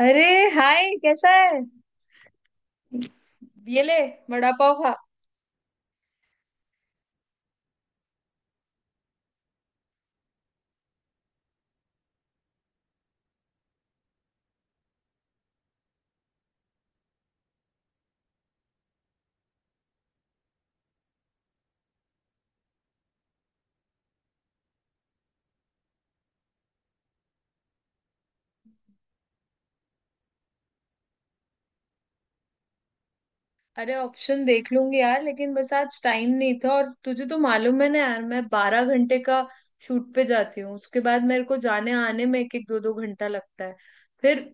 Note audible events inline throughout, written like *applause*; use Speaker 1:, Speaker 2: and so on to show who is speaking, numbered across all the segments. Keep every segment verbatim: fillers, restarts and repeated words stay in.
Speaker 1: अरे, हाय कैसा है। ये ले, वड़ा पाव खा। अरे ऑप्शन देख लूंगी यार, लेकिन बस आज टाइम नहीं था। और तुझे तो मालूम है ना यार, मैं बारह घंटे का शूट पे जाती हूँ। उसके बाद मेरे को जाने आने में एक एक दो दो घंटा लगता है। फिर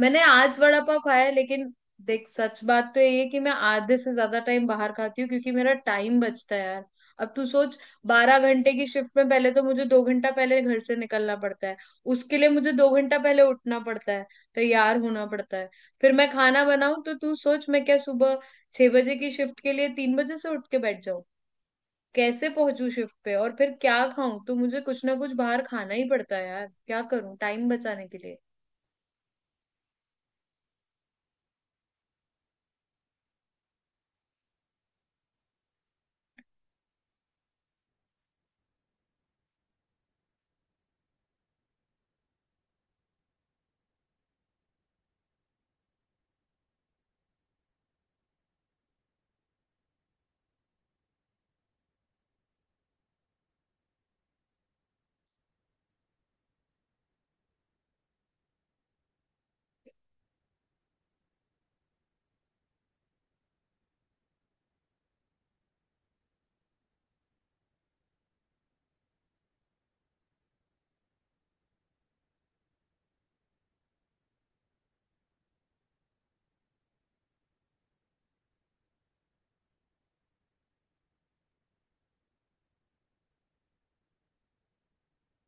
Speaker 1: मैंने आज वड़ा पाव खाया है, लेकिन देख, सच बात तो ये है कि मैं आधे से ज्यादा टाइम बाहर खाती हूँ क्योंकि मेरा टाइम बचता है यार। अब तू सोच, बारह घंटे की शिफ्ट में पहले तो मुझे दो घंटा पहले घर से निकलना पड़ता है। उसके लिए मुझे दो घंटा पहले उठना पड़ता है, तैयार होना पड़ता है। फिर मैं खाना बनाऊं तो तू सोच, मैं क्या सुबह छह बजे की शिफ्ट के लिए तीन बजे से उठ के बैठ जाओ? कैसे पहुंचू शिफ्ट पे? और फिर क्या खाऊं? तो मुझे कुछ ना कुछ बाहर खाना ही पड़ता है यार, क्या करूं टाइम बचाने के लिए।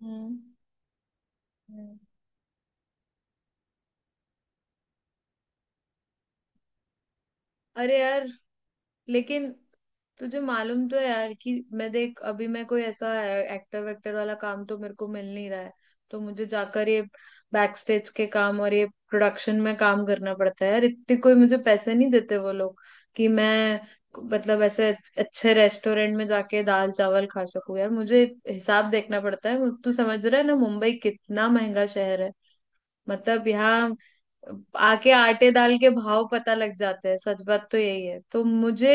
Speaker 1: हम्म। हम्म। अरे यार, लेकिन तुझे मालूम तो है यार कि मैं, देख, अभी मैं कोई ऐसा एक्टर वेक्टर वाला काम तो मेरे को मिल नहीं रहा है। तो मुझे जाकर ये बैक स्टेज के काम और ये प्रोडक्शन में काम करना पड़ता है यार। इतने कोई मुझे पैसे नहीं देते वो लोग कि मैं, मतलब, ऐसे अच्छे रेस्टोरेंट में जाके दाल चावल खा सकूं यार। मुझे हिसाब देखना पड़ता है। तू समझ रहा है ना, मुंबई कितना महंगा शहर है। मतलब यहाँ आके आटे दाल के भाव पता लग जाते हैं, सच बात तो यही है। तो मुझे,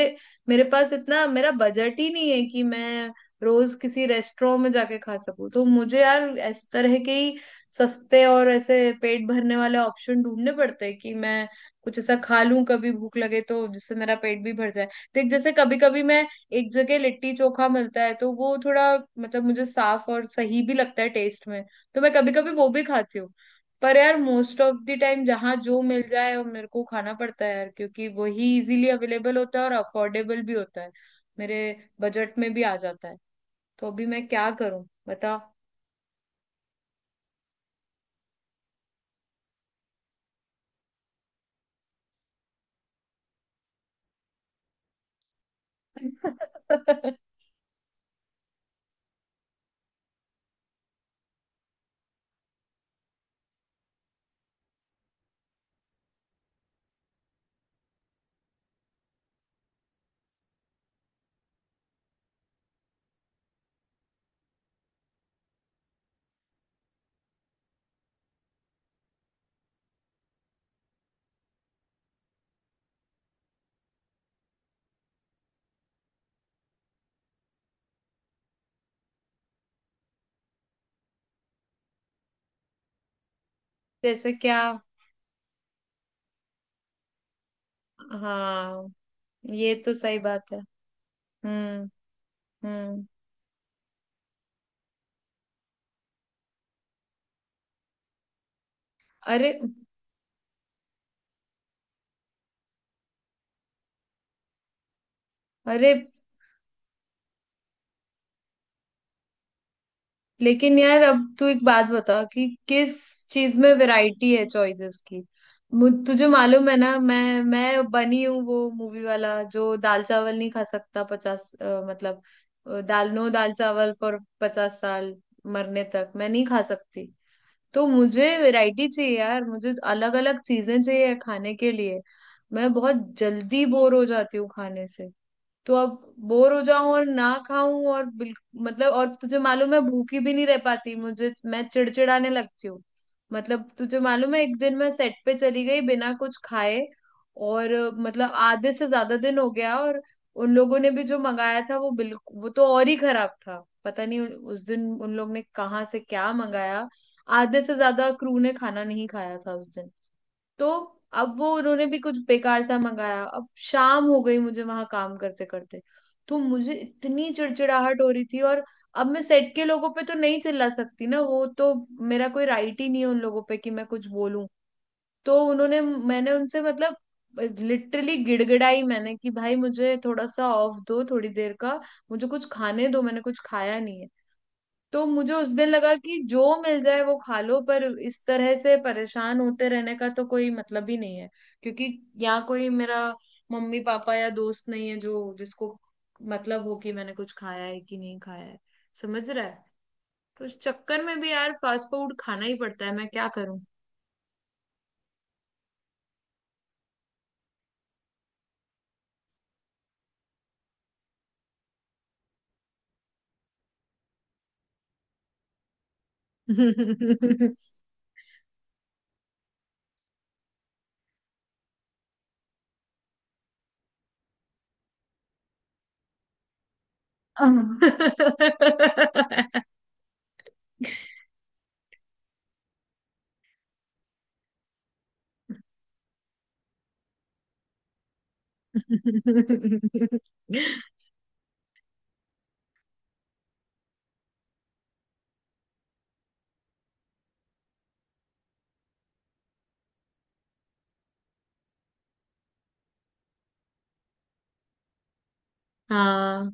Speaker 1: मेरे पास इतना मेरा बजट ही नहीं है कि मैं रोज किसी रेस्टोरेंट में जाके खा सकूं। तो मुझे यार इस तरह के ही सस्ते और ऐसे पेट भरने वाले ऑप्शन ढूंढने पड़ते हैं कि मैं कुछ ऐसा खा लूं कभी भूख लगे, तो जिससे मेरा पेट भी भर जाए। देख जैसे कभी कभी मैं, एक जगह लिट्टी चोखा मिलता है तो वो थोड़ा, मतलब, मुझे साफ और सही भी लगता है टेस्ट में। तो मैं कभी कभी वो भी खाती हूँ। पर यार मोस्ट ऑफ द टाइम जहाँ जो मिल जाए वो मेरे को खाना पड़ता है यार, क्योंकि वही इजीली अवेलेबल होता है और अफोर्डेबल भी होता है, मेरे बजट में भी आ जाता है। तो अभी मैं क्या करूं बता। *laughs* जैसे क्या? हाँ ये तो सही बात है। हम्म। हम्म। अरे। अरे। लेकिन यार, अब तू एक बात बता कि किस चीज में वैरायटी है चॉइसेस की। मुझ तुझे मालूम है ना, मैं मैं बनी हूँ वो मूवी वाला जो दाल चावल नहीं खा सकता पचास, अ, मतलब, अ, दाल नो दाल चावल फॉर पचास साल। मरने तक मैं नहीं खा सकती। तो मुझे वैरायटी चाहिए यार, मुझे अलग अलग चीजें चाहिए खाने के लिए। मैं बहुत जल्दी बोर हो जाती हूँ खाने से। तो अब बोर हो जाऊं और ना खाऊं और बिल, मतलब, और तुझे मालूम है भूखी भी नहीं रह पाती, मुझे मैं चिड़चिड़ाने लगती हूँ। मतलब तुझे मालूम है, एक दिन मैं सेट पे चली गई बिना कुछ खाए, और अ, मतलब आधे से ज्यादा दिन हो गया और उन लोगों ने भी जो मंगाया था वो बिल्कुल, वो तो और ही खराब था, पता नहीं उन- उस दिन उन लोग ने कहाँ से क्या मंगाया। आधे से ज्यादा क्रू ने खाना नहीं खाया था उस दिन। तो अब वो उन्होंने भी कुछ बेकार सा मंगाया, अब शाम हो गई मुझे वहां काम करते करते। तो मुझे इतनी चिड़चिड़ाहट हो रही थी। और अब मैं सेट के लोगों पे तो नहीं चिल्ला सकती ना, वो तो मेरा कोई राइट ही नहीं है उन लोगों पे कि मैं कुछ बोलूं। तो उन्होंने मैंने उनसे, मतलब, लिटरली गिड़गिड़ाई मैंने कि भाई मुझे थोड़ा सा ऑफ दो थोड़ी देर का, मुझे कुछ खाने दो, मैंने कुछ खाया नहीं है। तो मुझे उस दिन लगा कि जो मिल जाए वो खा लो, पर इस तरह से परेशान होते रहने का तो कोई मतलब ही नहीं है। क्योंकि यहाँ कोई मेरा मम्मी पापा या दोस्त नहीं है जो, जिसको, मतलब हो कि मैंने कुछ खाया है कि नहीं खाया है, समझ रहा है। तो इस चक्कर में भी यार फास्ट फूड खाना ही पड़ता है, मैं क्या करूं। *laughs* हाँ।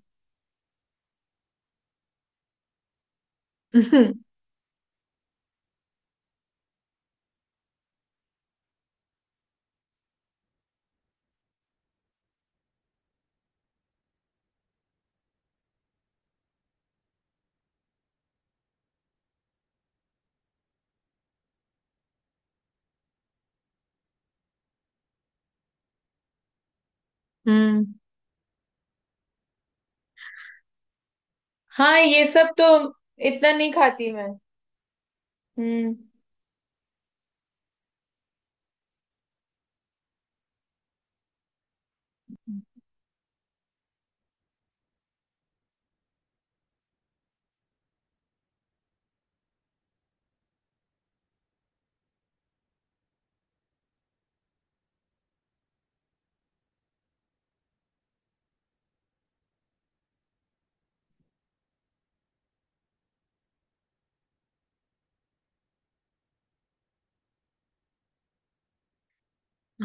Speaker 1: हम्म। हाँ ये सब तो इतना नहीं खाती मैं। हम्म।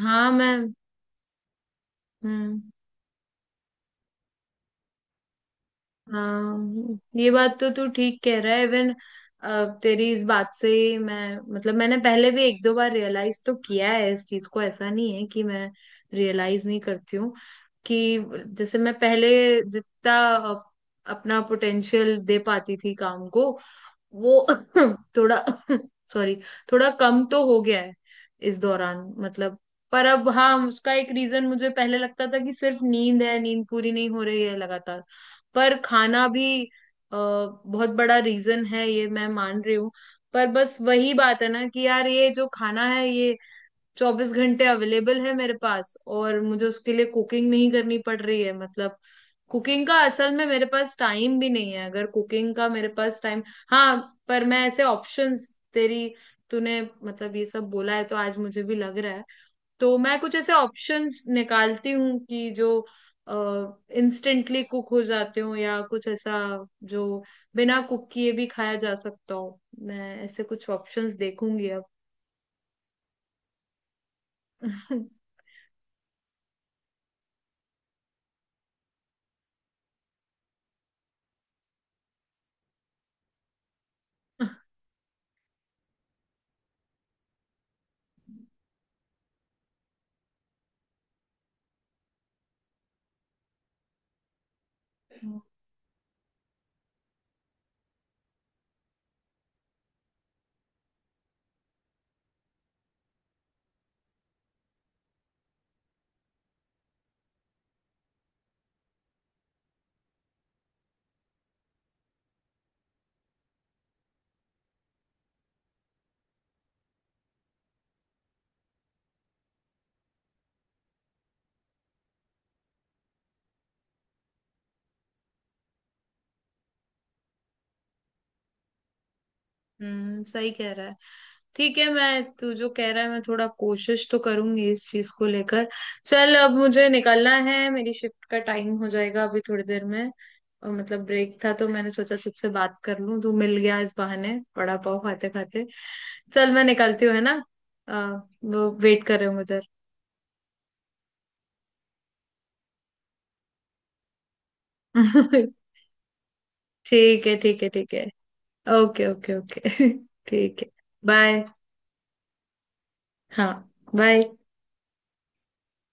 Speaker 1: हाँ मैं। हम्म। हाँ ये बात तो तू ठीक कह रहा है। इवन तेरी इस बात से ही मैं, मतलब, मैंने पहले भी एक दो बार रियलाइज तो किया है इस चीज को, ऐसा नहीं है कि मैं रियलाइज नहीं करती हूँ। कि जैसे मैं पहले जितना अ, अपना पोटेंशियल दे पाती थी काम को, वो *laughs* थोड़ा *laughs* सॉरी, थोड़ा कम तो हो गया है इस दौरान, मतलब। पर अब हाँ, उसका एक रीजन मुझे पहले लगता था कि सिर्फ नींद है, नींद पूरी नहीं हो रही है लगातार। पर खाना भी अ, बहुत बड़ा रीजन है ये, मैं मान रही हूँ। पर बस वही बात है ना कि यार, ये जो खाना है ये चौबीस घंटे अवेलेबल है मेरे पास, और मुझे उसके लिए कुकिंग नहीं करनी पड़ रही है। मतलब कुकिंग का असल में मेरे पास टाइम भी नहीं है। अगर कुकिंग का मेरे पास टाइम, हाँ। पर मैं ऐसे ऑप्शंस, तेरी, तूने मतलब ये सब बोला है तो आज मुझे भी लग रहा है, तो मैं कुछ ऐसे ऑप्शंस निकालती हूँ कि जो इंस्टेंटली कुक हो जाते हो, या कुछ ऐसा जो बिना कुक किए भी खाया जा सकता हो। मैं ऐसे कुछ ऑप्शंस देखूंगी अब। *laughs* हम्म, सही कह रहा है। ठीक है, मैं, तू जो कह रहा है मैं थोड़ा कोशिश तो करूंगी इस चीज को लेकर। चल अब मुझे निकलना है, मेरी शिफ्ट का टाइम हो जाएगा अभी थोड़ी देर में। और मतलब ब्रेक था तो मैंने सोचा तुझसे बात कर लूं, तू मिल गया इस बहाने वड़ा पाव खाते खाते। चल मैं निकलती हूँ, है ना। आ, वो वेट कर रहे होंगे उधर। *laughs* ठीक है, ठीक है, ठीक है। Okay, okay, okay. *laughs* ठीक है। बाय। हाँ। बाय।